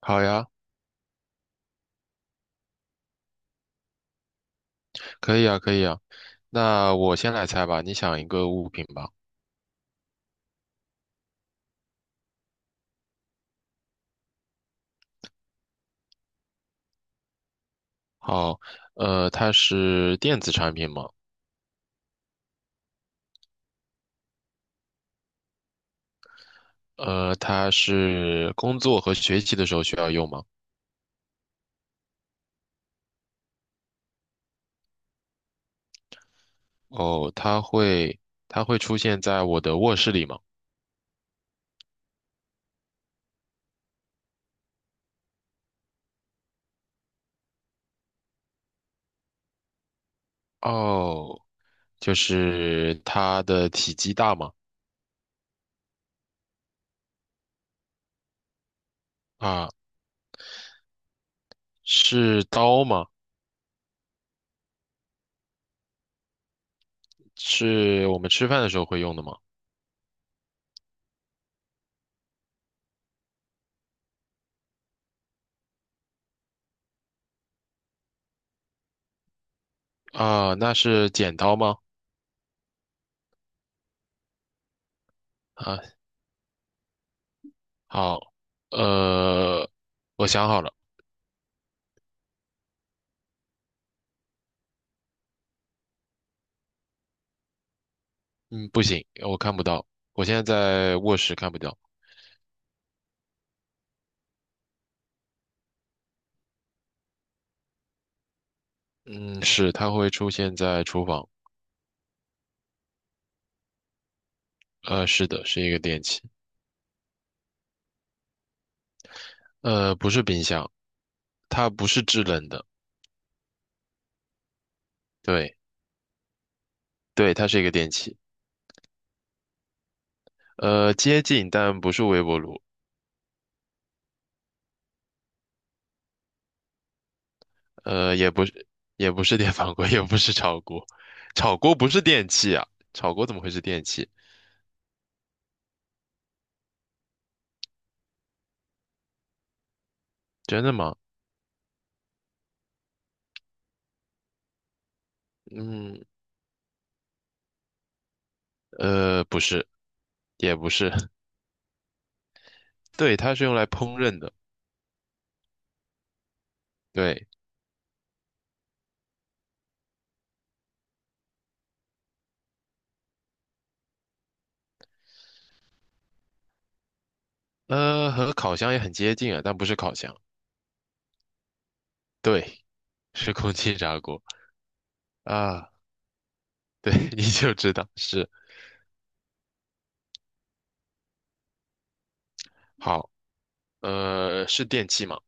好呀，可以啊，可以啊。那我先来猜吧，你想一个物品吧。好，它是电子产品吗？它是工作和学习的时候需要用吗？哦，它会出现在我的卧室里吗？哦，就是它的体积大吗？啊，是刀吗？是我们吃饭的时候会用的吗？啊，那是剪刀吗？啊，好，呃，我想好了。嗯，不行，我看不到，我现在在卧室看不到。嗯，是，它会出现在厨房。是的，是一个电器。不是冰箱，它不是制冷的。对，对，它是一个电器。接近，但不是微波炉。也不是，也不是电饭锅，也不是炒锅。炒锅不是电器啊，炒锅怎么会是电器？真的吗？嗯，不是，也不是。对，它是用来烹饪的。对，和烤箱也很接近啊，但不是烤箱。对，是空气炸锅啊。对，你就知道是。好，是电器吗？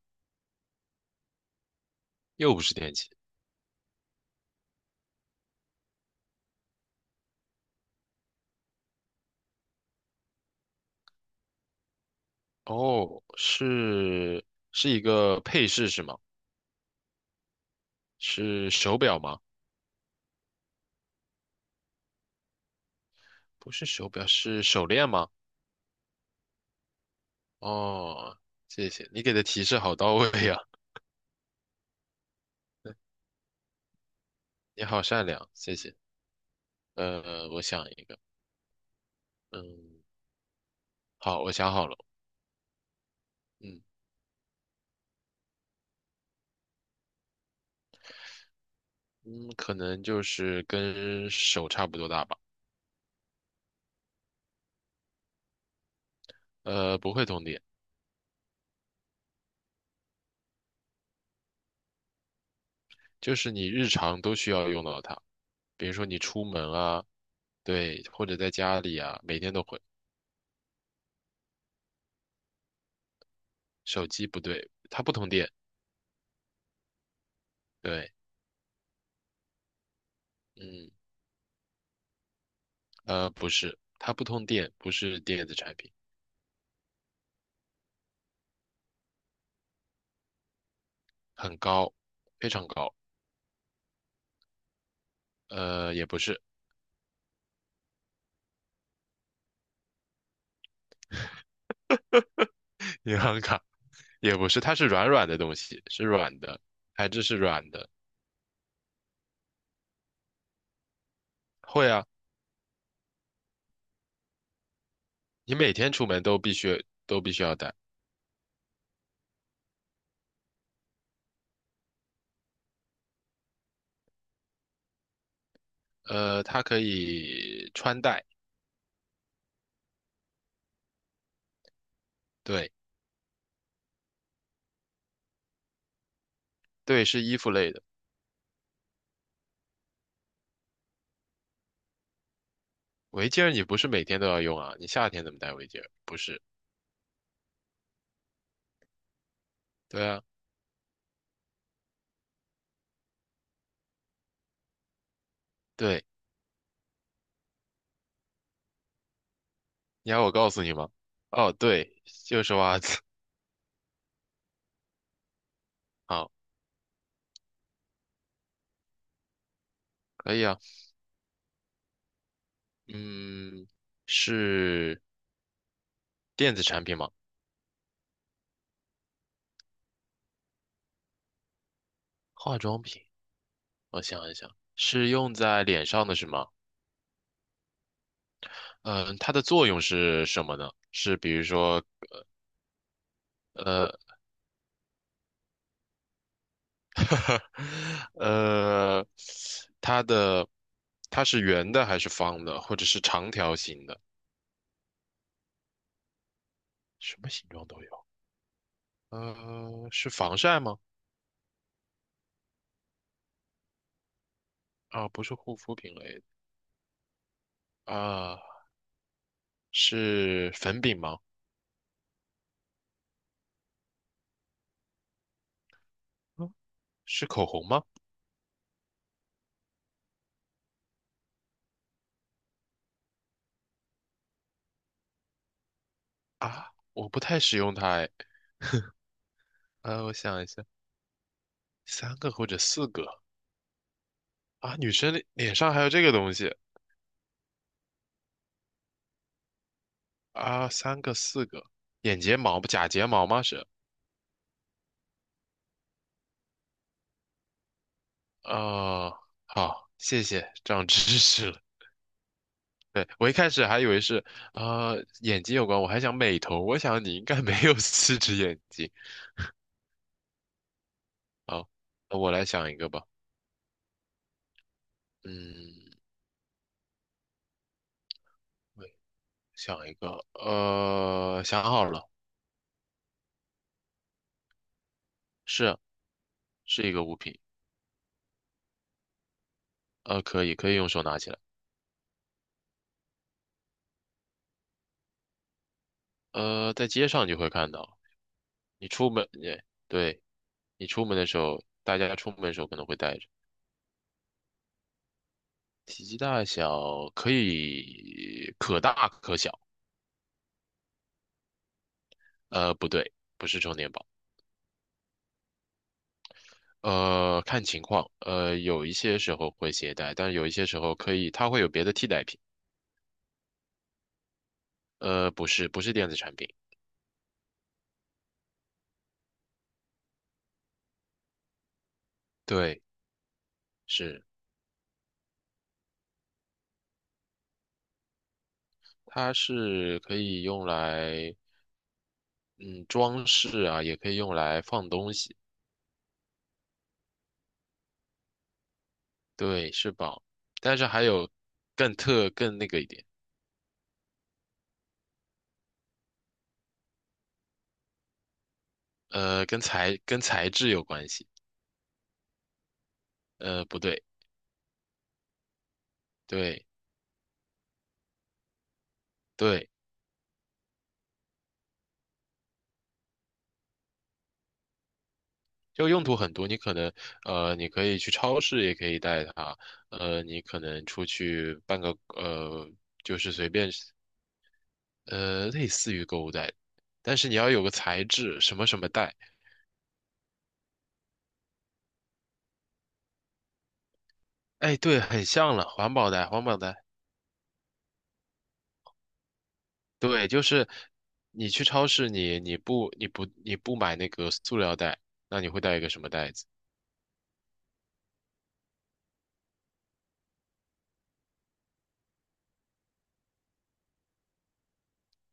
又不是电器，哦，是一个配饰是吗？是手表吗？不是手表，是手链吗？哦，谢谢，你给的提示好到位呀，你好善良，谢谢。我想一个，嗯，好，我想好了。嗯嗯，可能就是跟手差不多大吧，不会通电。就是你日常都需要用到它，比如说你出门啊，对，或者在家里啊，每天都会。手机不对，它不通电，对，嗯，不是，它不通电，不是电子产品，很高，非常高，也不是。 银行卡，也不是，它是软软的东西，是软的，材质是软的。会啊，你每天出门都必须要带，它可以穿戴，对对，是衣服类的。围巾儿你不是每天都要用啊？你夏天怎么戴围巾儿？不是，对啊，对，你要我告诉你吗？哦，对，就是 袜子。好，可以啊。嗯，是电子产品吗？化妆品，我想一想，是用在脸上的是吗？嗯、它的作用是什么呢？是比如说，呃，呃，它的它是圆的还是方的，或者是长条形的？什么形状都有。是防晒吗？啊，不是护肤品类的啊，是粉饼吗？嗯，是口红吗？啊，我不太使用它哎。我想一下，三个或者四个啊，女生的脸上还有这个东西啊，三个四个，眼睫毛不假睫毛吗？是啊，好，谢谢，长知识了。对，我一开始还以为是啊、眼睛有关，我还想美瞳，我想你应该没有四只眼睛。好，那我来想一个吧。嗯，想一个，想好了，是是一个物品，可以用手拿起来，在街上就会看到，你出门，对，对，你出门的时候，大家出门的时候可能会带着，体积大小可以可大可小，不对，不是充电宝，看情况，有一些时候会携带，但有一些时候可以，它会有别的替代品，不是电子产品，对，是它是可以用来。嗯，装饰啊，也可以用来放东西，对，是宝。但是还有更那个一点，跟材质有关系，不对，对对，就用途很多，你可能你可以去超市也可以带它，你可能出去办个就是随便类似于购物袋，但是你要有个材质，什么什么袋，哎，对，很像了，环保袋，环保袋。对，就是你去超市你，你不买那个塑料袋，那你会带一个什么袋子？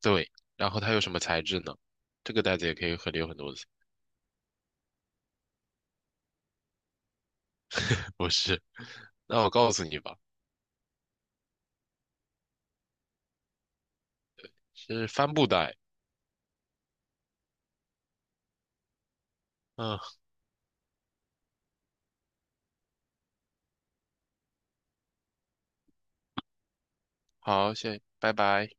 对，然后它有什么材质呢？这个袋子也可以很有很多次，不是？那我告诉你吧，是帆布袋。嗯，好，谢，拜拜。